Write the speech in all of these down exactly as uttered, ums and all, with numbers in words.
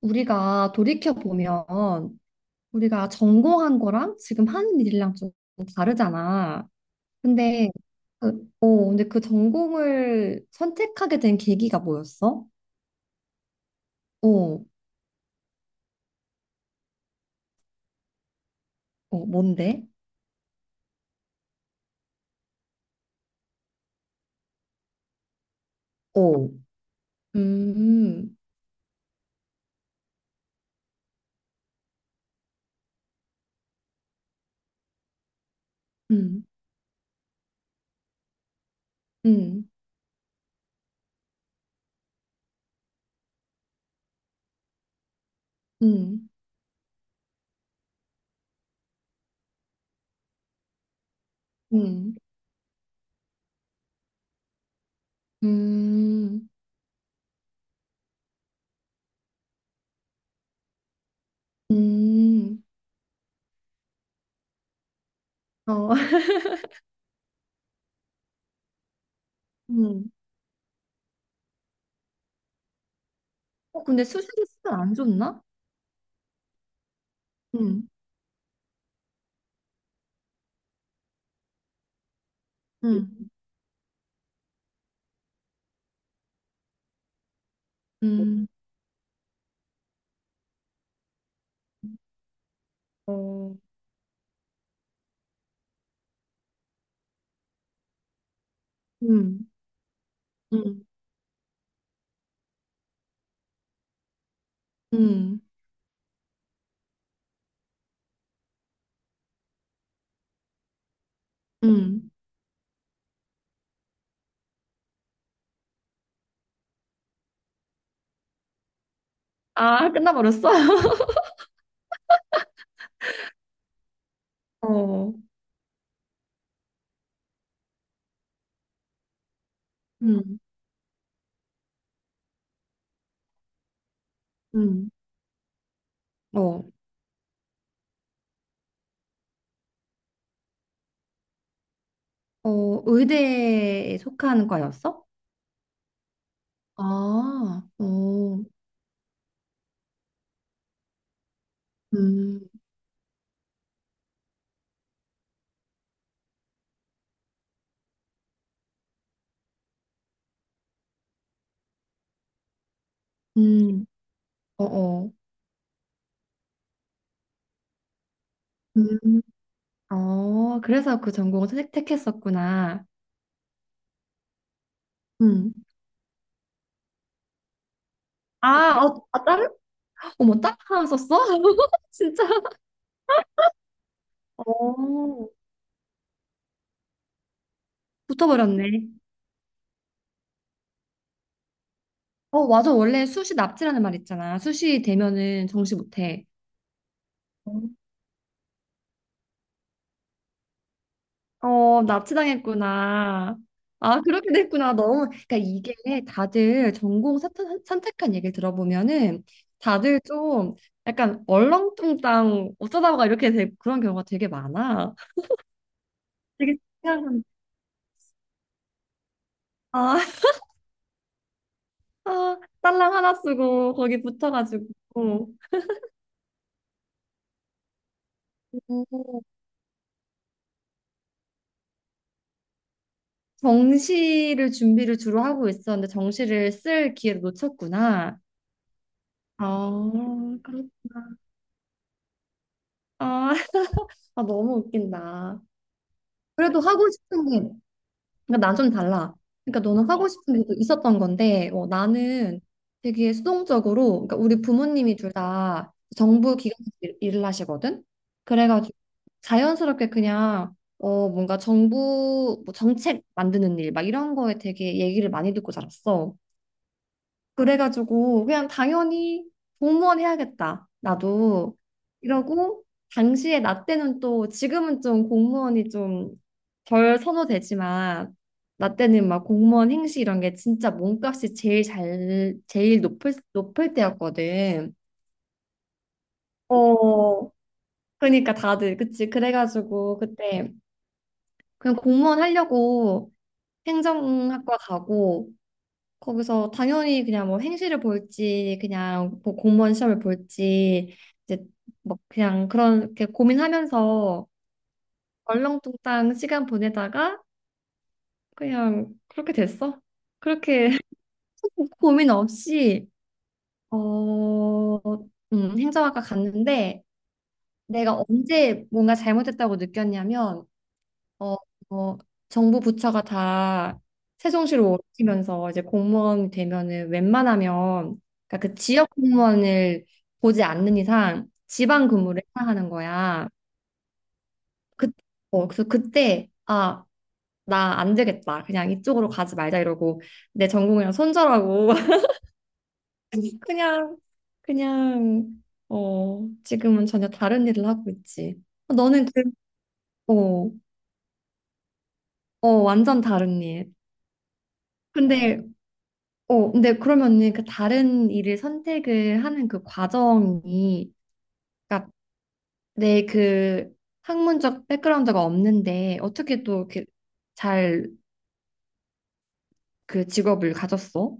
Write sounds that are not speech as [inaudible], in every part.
우리가 돌이켜보면 우리가 전공한 거랑 지금 하는 일이랑 좀 다르잖아. 근데 그, 어, 근데 그 전공을 선택하게 된 계기가 뭐였어? 어, 어, 뭔데? 어, 음, 음, 음, 음, 음, 음, 음, 음, 어, [laughs] 음. 어, 근데 수술이 수술 안 좋나? 음, 음, 음, 어, 음, 음, 음, 음. 아, 끝나버렸어? [laughs] 어, 음, 음. 어, 어, 의대에 속하는 과였어? 아, 어, 음, 음, 어, 어. 음, 어, 그래서 그 전공을 택, 택했었구나. 음. 아, 어, 아, 다른, 어머, 다른 하나 썼어? [laughs] 진짜. 어, 붙어버렸네. 어, 맞아. 원래 수시 납치라는 말 있잖아. 수시 되면은 정시 못해. 어, 납치당했구나. 아, 그렇게 됐구나. 너무, 그러니까 이게 다들 전공 선택- 선택한 얘기를 들어보면은 다들 좀 약간 얼렁뚱땅 어쩌다가 이렇게 된 그런 경우가 되게 많아. 되게 신기한, 아, [laughs] 아, 딸랑 하나 쓰고 거기 붙어가지고. 오, 정시를 준비를 주로 하고 있었는데 정시를 쓸 기회를 놓쳤구나. 아, 그렇구나. 아, [laughs] 아, 너무 웃긴다. 그래도 하고 싶은 게 그러니까 난 좀 달라. 그러니까 너는 하고 어, 싶은 것도 있었던 건데, 어, 나는 되게 수동적으로, 그러니까 우리 부모님이 둘 다 정부 기관에서 일- 일을 하시거든. 그래가지고 자연스럽게 그냥 어 뭔가 정부 뭐 정책 만드는 일 막 이런 거에 되게 얘기를 많이 듣고 자랐어. 그래가지고 그냥 당연히 공무원 해야겠다. 나도 이러고 당시에 나 때는 또 지금은 좀 공무원이 좀 덜 선호되지만 나 때는 막 공무원 행시 이런 게 진짜 몸값이 제일 잘 제일 높을 높을 때였거든. 어. 그러니까 다들 그치 그래가지고 그때 그냥 공무원 하려고 행정학과 가고 거기서 당연히 그냥 뭐 행시를 볼지 그냥 뭐 공무원 시험을 볼지 이제 뭐 그냥 그런 이렇게 고민하면서 얼렁뚱땅 시간 보내다가 그냥 그렇게 됐어. 그렇게 [laughs] 고민 없이 어, 음, 행정학과 갔는데 내가 언제 뭔가 잘못했다고 느꼈냐면 어, 어, 정부 부처가 다 세종시로 옮기면서 이제 공무원 되면은 웬만하면 그러니까 그 지역 공무원을 보지 않는 이상 지방 근무를 해야 하는 거야. 그, 어, 그래서 그때 아, 나 안 되겠다. 그냥 이쪽으로 가지 말자 이러고 내 전공이랑 손절하고 [laughs] 그냥 그냥 어, 지금은 전혀 다른 일을 하고 있지. 너는 그, 어, 어, 완전 다른 일. 근데 어, 근데 그러면은 그 다른 일을 선택을 하는 그 과정이, 그러니까 내 그 학문적 백그라운드가 없는데 어떻게 또 이렇게 잘 그 직업을 가졌어?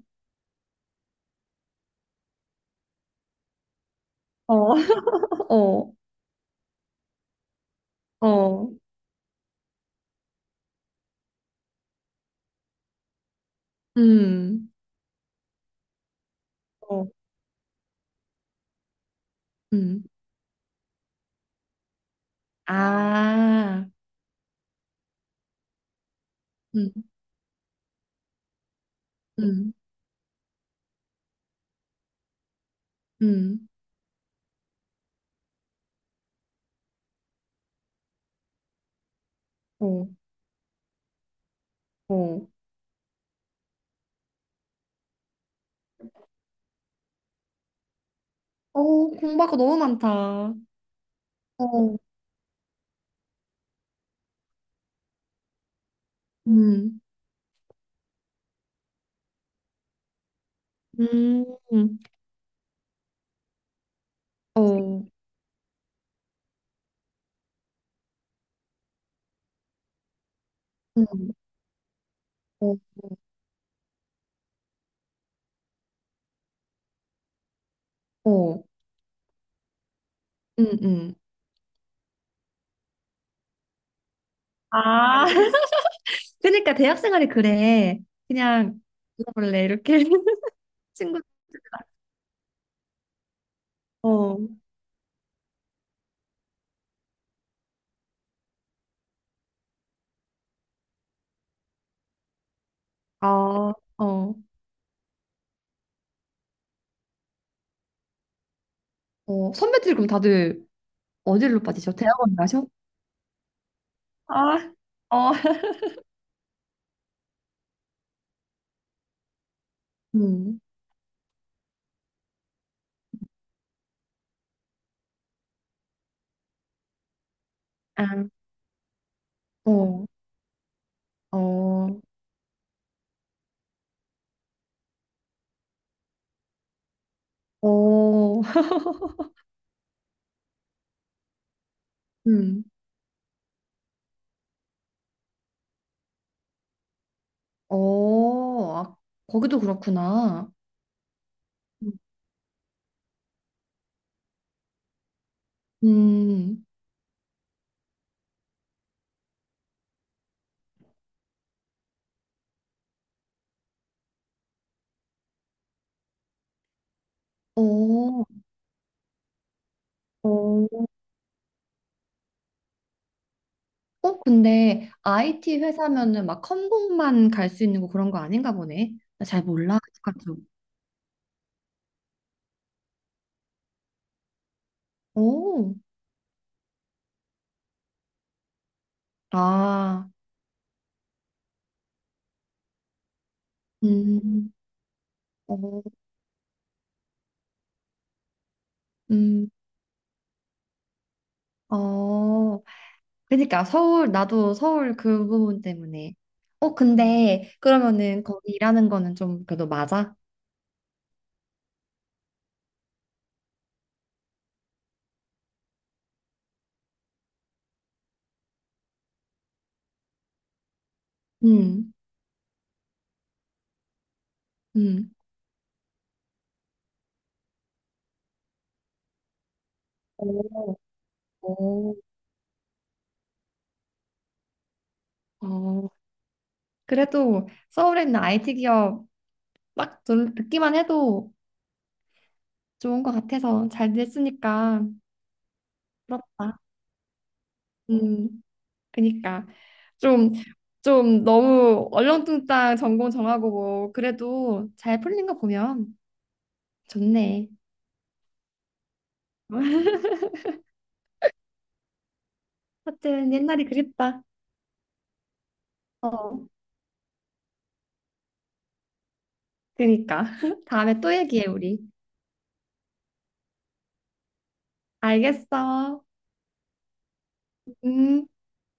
어, [laughs] 어, 어, 음, 어, 음, 아, 음, 음, 음, 어, 어, 어, 공부할 거 너무 많다. 어, 음, 음, 어, 음, 어, 어, 음, 음. 아, 그러니까 대학 생활이 그래. 그냥 놀아볼래 이렇게 [laughs] 친구. 들 어, 아, 어, 어. 선배들 그럼 다들 어디로 빠지죠? 대학원 가셔? 아, 어, 음, 아, 어, 어, 어, [laughs] 음, 어, 아, 거기도 그렇구나. 음, 어, 어, 어, 근데 아이티 회사면은 막 컴공만 갈 수 있는 거 그런 거 아닌가 보네. 나 잘 몰라. 오, 아, 음, 어, 음, 어, 그러니까 서울, 나도 서울 그 부분 때문에. 어, 근데 그러면은 거기 일하는 거는 좀 그래도 맞아? 음, 음. 오, 오, 어. 그래도 서울에 있는 아이티 기업 딱 들- 듣기만 해도 좋은 것 같아서 잘 됐으니까 부럽다. 음. 그니까 좀 좀 너무 얼렁뚱땅 전공 정하고 뭐 그래도 잘 풀린 거 보면 좋네. [laughs] 하여튼 옛날이 그립다. 어. 그니까 [laughs] 다음에 또 얘기해 우리. 알겠어. 음.